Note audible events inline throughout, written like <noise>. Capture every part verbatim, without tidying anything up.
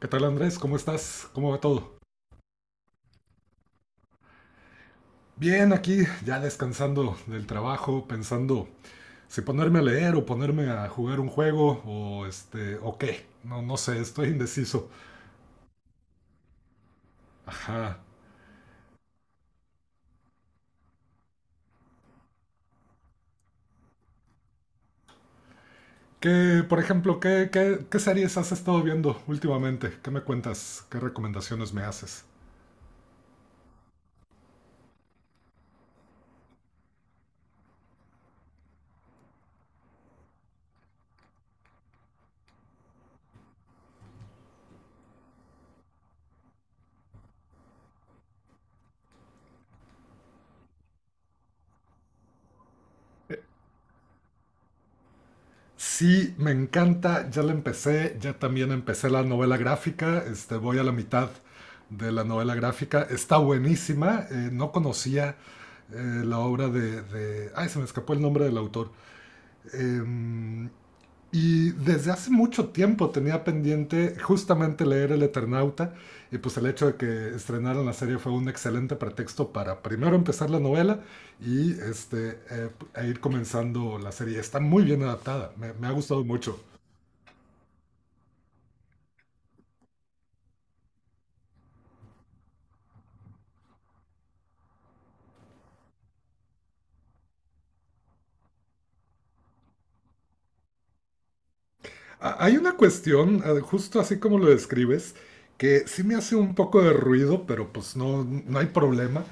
¿Qué tal, Andrés? ¿Cómo estás? ¿Cómo va todo? Bien, aquí ya descansando del trabajo, pensando si ponerme a leer o ponerme a jugar un juego o este o qué. No, no sé, estoy indeciso. Ajá. ¿Qué, por ejemplo, qué, qué, qué series has estado viendo últimamente? ¿Qué me cuentas? ¿Qué recomendaciones me haces? Sí, me encanta, ya la empecé, ya también empecé la novela gráfica, este, voy a la mitad de la novela gráfica, está buenísima, eh, no conocía eh, la obra de, de- Ay, se me escapó el nombre del autor. Em, y desde hace mucho tiempo tenía pendiente justamente leer El Eternauta, y pues el hecho de que estrenaran la serie fue un excelente pretexto para primero empezar la novela y este, eh, e ir comenzando la serie. Está muy bien adaptada, me, me ha gustado mucho. A- Hay una cuestión, eh, justo así como lo describes, que sí me hace un poco de ruido, pero pues no, no hay problema.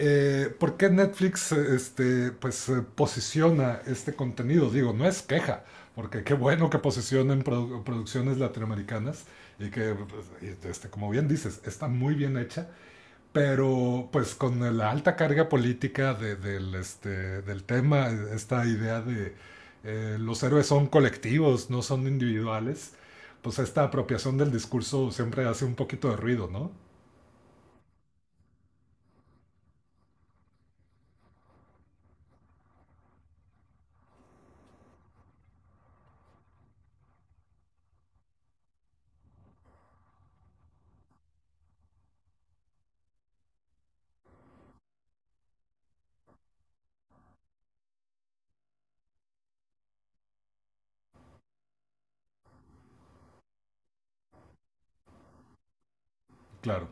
Eh, ¿por qué Netflix, eh, este, pues, eh, posiciona este contenido? Digo, no es queja, porque qué bueno que posicionen produ- producciones latinoamericanas y que, pues, y, este, como bien dices, está muy bien hecha, pero pues con la alta carga política de- del, este, del tema, esta idea de eh, los héroes son colectivos, no son individuales, pues esta apropiación del discurso siempre hace un poquito de ruido, ¿no? Claro.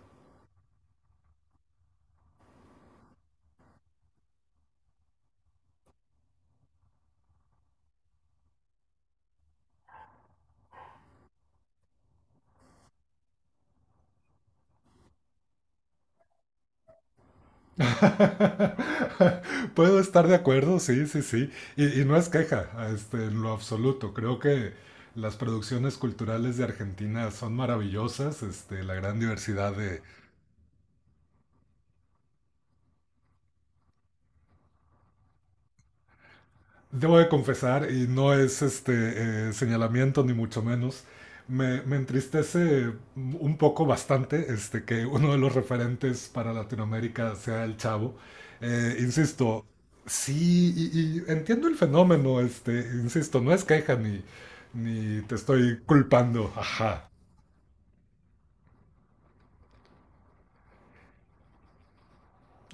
<laughs> Puedo estar de acuerdo, sí, sí, sí. Y, y no es queja, este, en lo absoluto. Creo que las producciones culturales de Argentina son maravillosas, este, la gran diversidad de… Debo de confesar, y no es este eh, señalamiento ni mucho menos, me, me entristece un poco bastante este, que uno de los referentes para Latinoamérica sea el Chavo. Eh, insisto, sí, y, y entiendo el fenómeno, este, insisto, no es queja ni, ni te estoy culpando, ajá.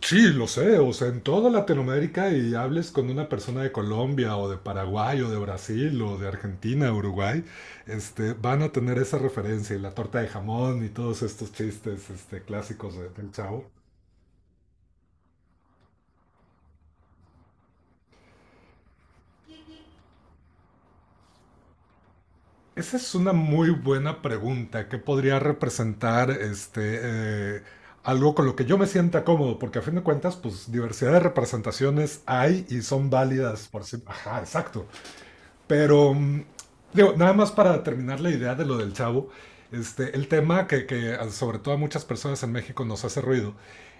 Sí, lo sé, o sea, en toda Latinoamérica y hables con una persona de Colombia o de Paraguay o de Brasil o de Argentina, Uruguay, este, van a tener esa referencia y la torta de jamón y todos estos chistes, este, clásicos de- del Chavo. Esa es una muy buena pregunta. ¿Qué podría representar este, eh, algo con lo que yo me sienta cómodo? Porque a fin de cuentas, pues diversidad de representaciones hay y son válidas por sí. Ajá, exacto. Pero, mm, digo, nada más para terminar la idea de lo del Chavo, este, el tema que, que sobre todo a muchas personas en México nos hace ruido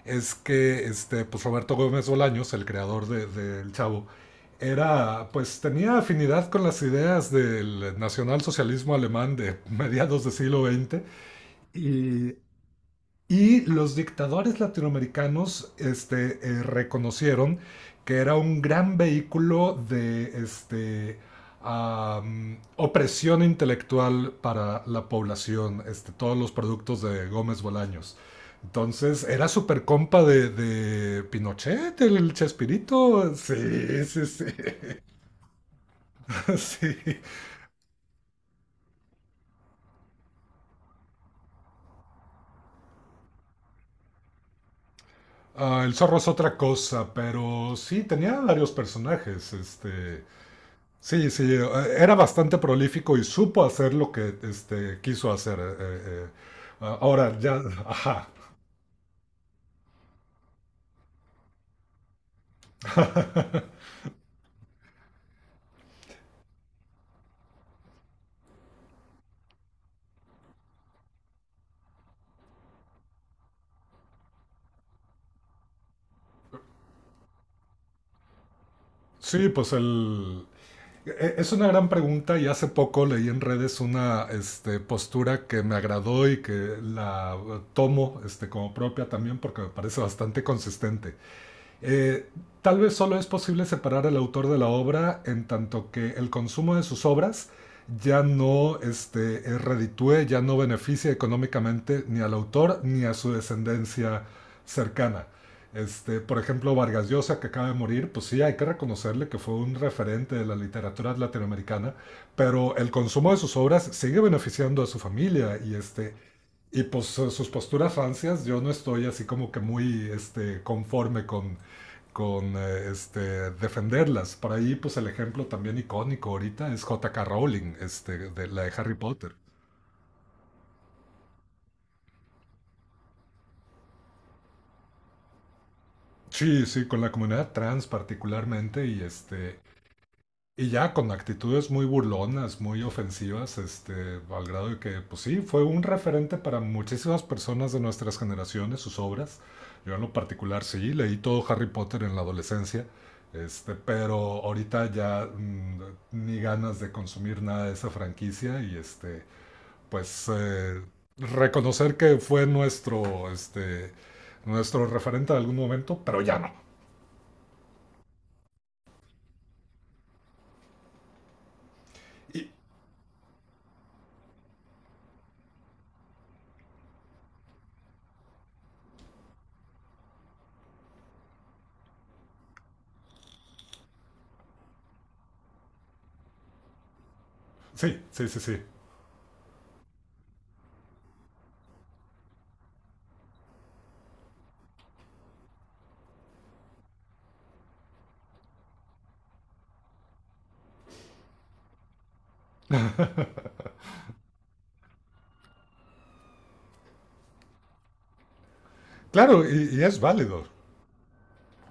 es que este, pues Roberto Gómez Bolaños, el creador del de, El Chavo, era, pues tenía afinidad con las ideas del nacionalsocialismo alemán de <laughs> mediados del siglo veinte. Y y los dictadores latinoamericanos este, eh, reconocieron que era un gran vehículo de este, am, opresión intelectual para la población, este, todos los productos de Gómez Bolaños. Entonces, ¿era súper compa de, de Pinochet, el Chespirito? Sí, sí, sí. <laughs> sí. Ah, el Zorro es otra cosa, pero sí, tenía varios personajes. Este, Sí, sí, eh, era bastante prolífico y supo hacer lo que este, quiso hacer. eh, eh, eh. Ah, ahora ya, ajá. <laughs> Sí, pues el… e- Es una gran pregunta y hace poco leí en redes una este, postura que me agradó y que la eh, tomo este, como propia también porque me parece bastante consistente. Eh, tal vez solo es posible separar al autor de la obra en tanto que el consumo de sus obras ya no este, eh, reditúe, ya no beneficia económicamente ni al autor ni a su descendencia cercana. Este, por ejemplo, Vargas Llosa, que acaba de morir, pues sí, hay que reconocerle que fue un referente de la literatura latinoamericana, pero el consumo de sus obras sigue beneficiando a su familia y, este, y pues su- sus posturas rancias, yo no estoy así como que muy este, conforme con, con eh, este, defenderlas. Por ahí, pues el ejemplo también icónico ahorita es J K Rowling, este, de la de Harry Potter. Sí, sí, con la comunidad trans particularmente. y este Y ya con actitudes muy burlonas, muy ofensivas, este, al grado de que, pues sí, fue un referente para muchísimas personas de nuestras generaciones, sus obras. Yo en lo particular sí, leí todo Harry Potter en la adolescencia, este, pero ahorita ya mm, ni ganas de consumir nada de esa franquicia y este, pues eh, reconocer que fue nuestro, este, nuestro referente en algún momento, pero ya no. Y, sí, sí, sí, sí. Claro, y, y es válido.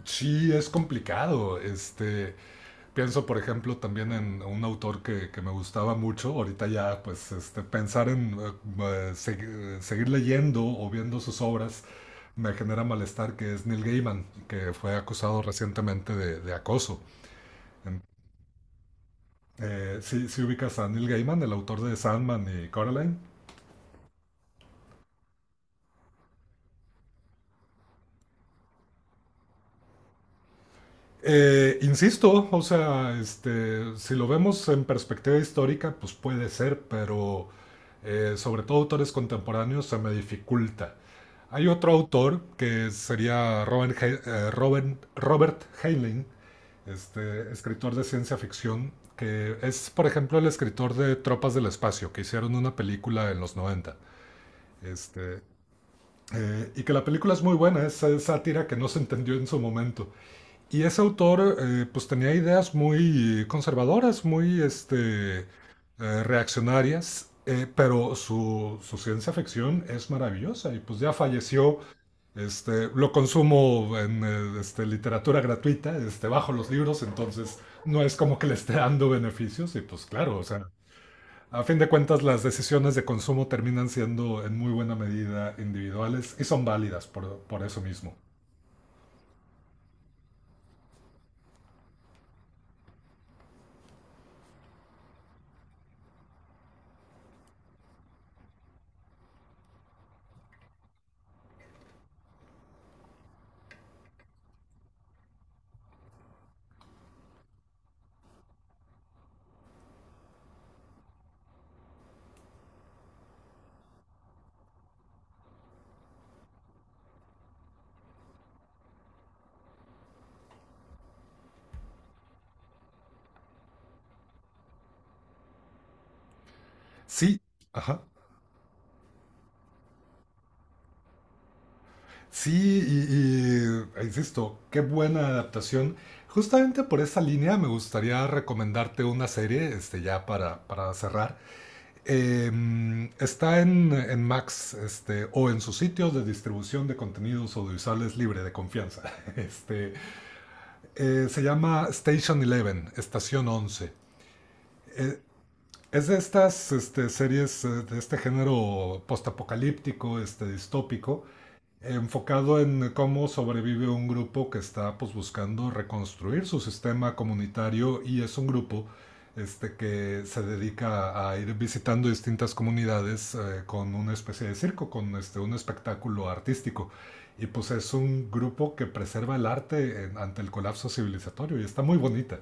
Sí, es complicado. Este, pienso, por ejemplo, también en un autor que, que me gustaba mucho. Ahorita ya, pues, este, pensar en eh, eh, segui- seguir leyendo o viendo sus obras me genera malestar, que es Neil Gaiman, que fue acusado recientemente de, de acoso. En- eh, sí, sí ubicas a Neil Gaiman, el autor de Sandman y Coraline. Eh, insisto, o sea, este, si lo vemos en perspectiva histórica, pues puede ser, pero eh, sobre todo autores contemporáneos se me dificulta. Hay otro autor que sería Robert, Hei- eh, Robert, Robert Heinlein, este, escritor de ciencia ficción, que es, por ejemplo, el escritor de Tropas del Espacio, que hicieron una película en los noventa. Este, eh, y que la película es muy buena, es eh, sátira que no se entendió en su momento. Y ese autor eh, pues tenía ideas muy conservadoras, muy este, eh, reaccionarias, eh, pero su, su ciencia ficción es maravillosa y pues ya falleció. Este, lo consumo en eh, este, literatura gratuita, este, bajo los libros, entonces no es como que le esté dando beneficios y pues claro, o sea, a fin de cuentas las decisiones de consumo terminan siendo en muy buena medida individuales y son válidas por, por eso mismo. Sí, ajá. Sí, y, y, insisto, qué buena adaptación. Justamente por esa línea me gustaría recomendarte una serie, este, ya para, para cerrar. Eh, está en, en Max, este, o en sus sitios de distribución de contenidos audiovisuales libre de confianza. <laughs> Este, eh, se llama Station once, Estación Once. Eh, es de estas este, series eh, de este género postapocalíptico, este, distópico, enfocado en cómo sobrevive un grupo que está pues buscando reconstruir su sistema comunitario y es un grupo este, que se dedica a ir visitando distintas comunidades eh, con una especie de circo, con este, un espectáculo artístico. Y pues es un grupo que preserva el arte en- ante el colapso civilizatorio y está muy bonita.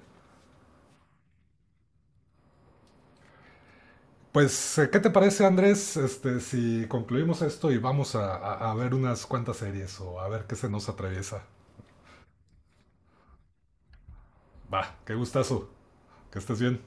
Pues, eh, ¿qué te parece, Andrés, este, si concluimos esto y vamos a, a- a ver unas cuantas series o a ver qué se nos atraviesa? Va, qué gustazo. Que estés bien.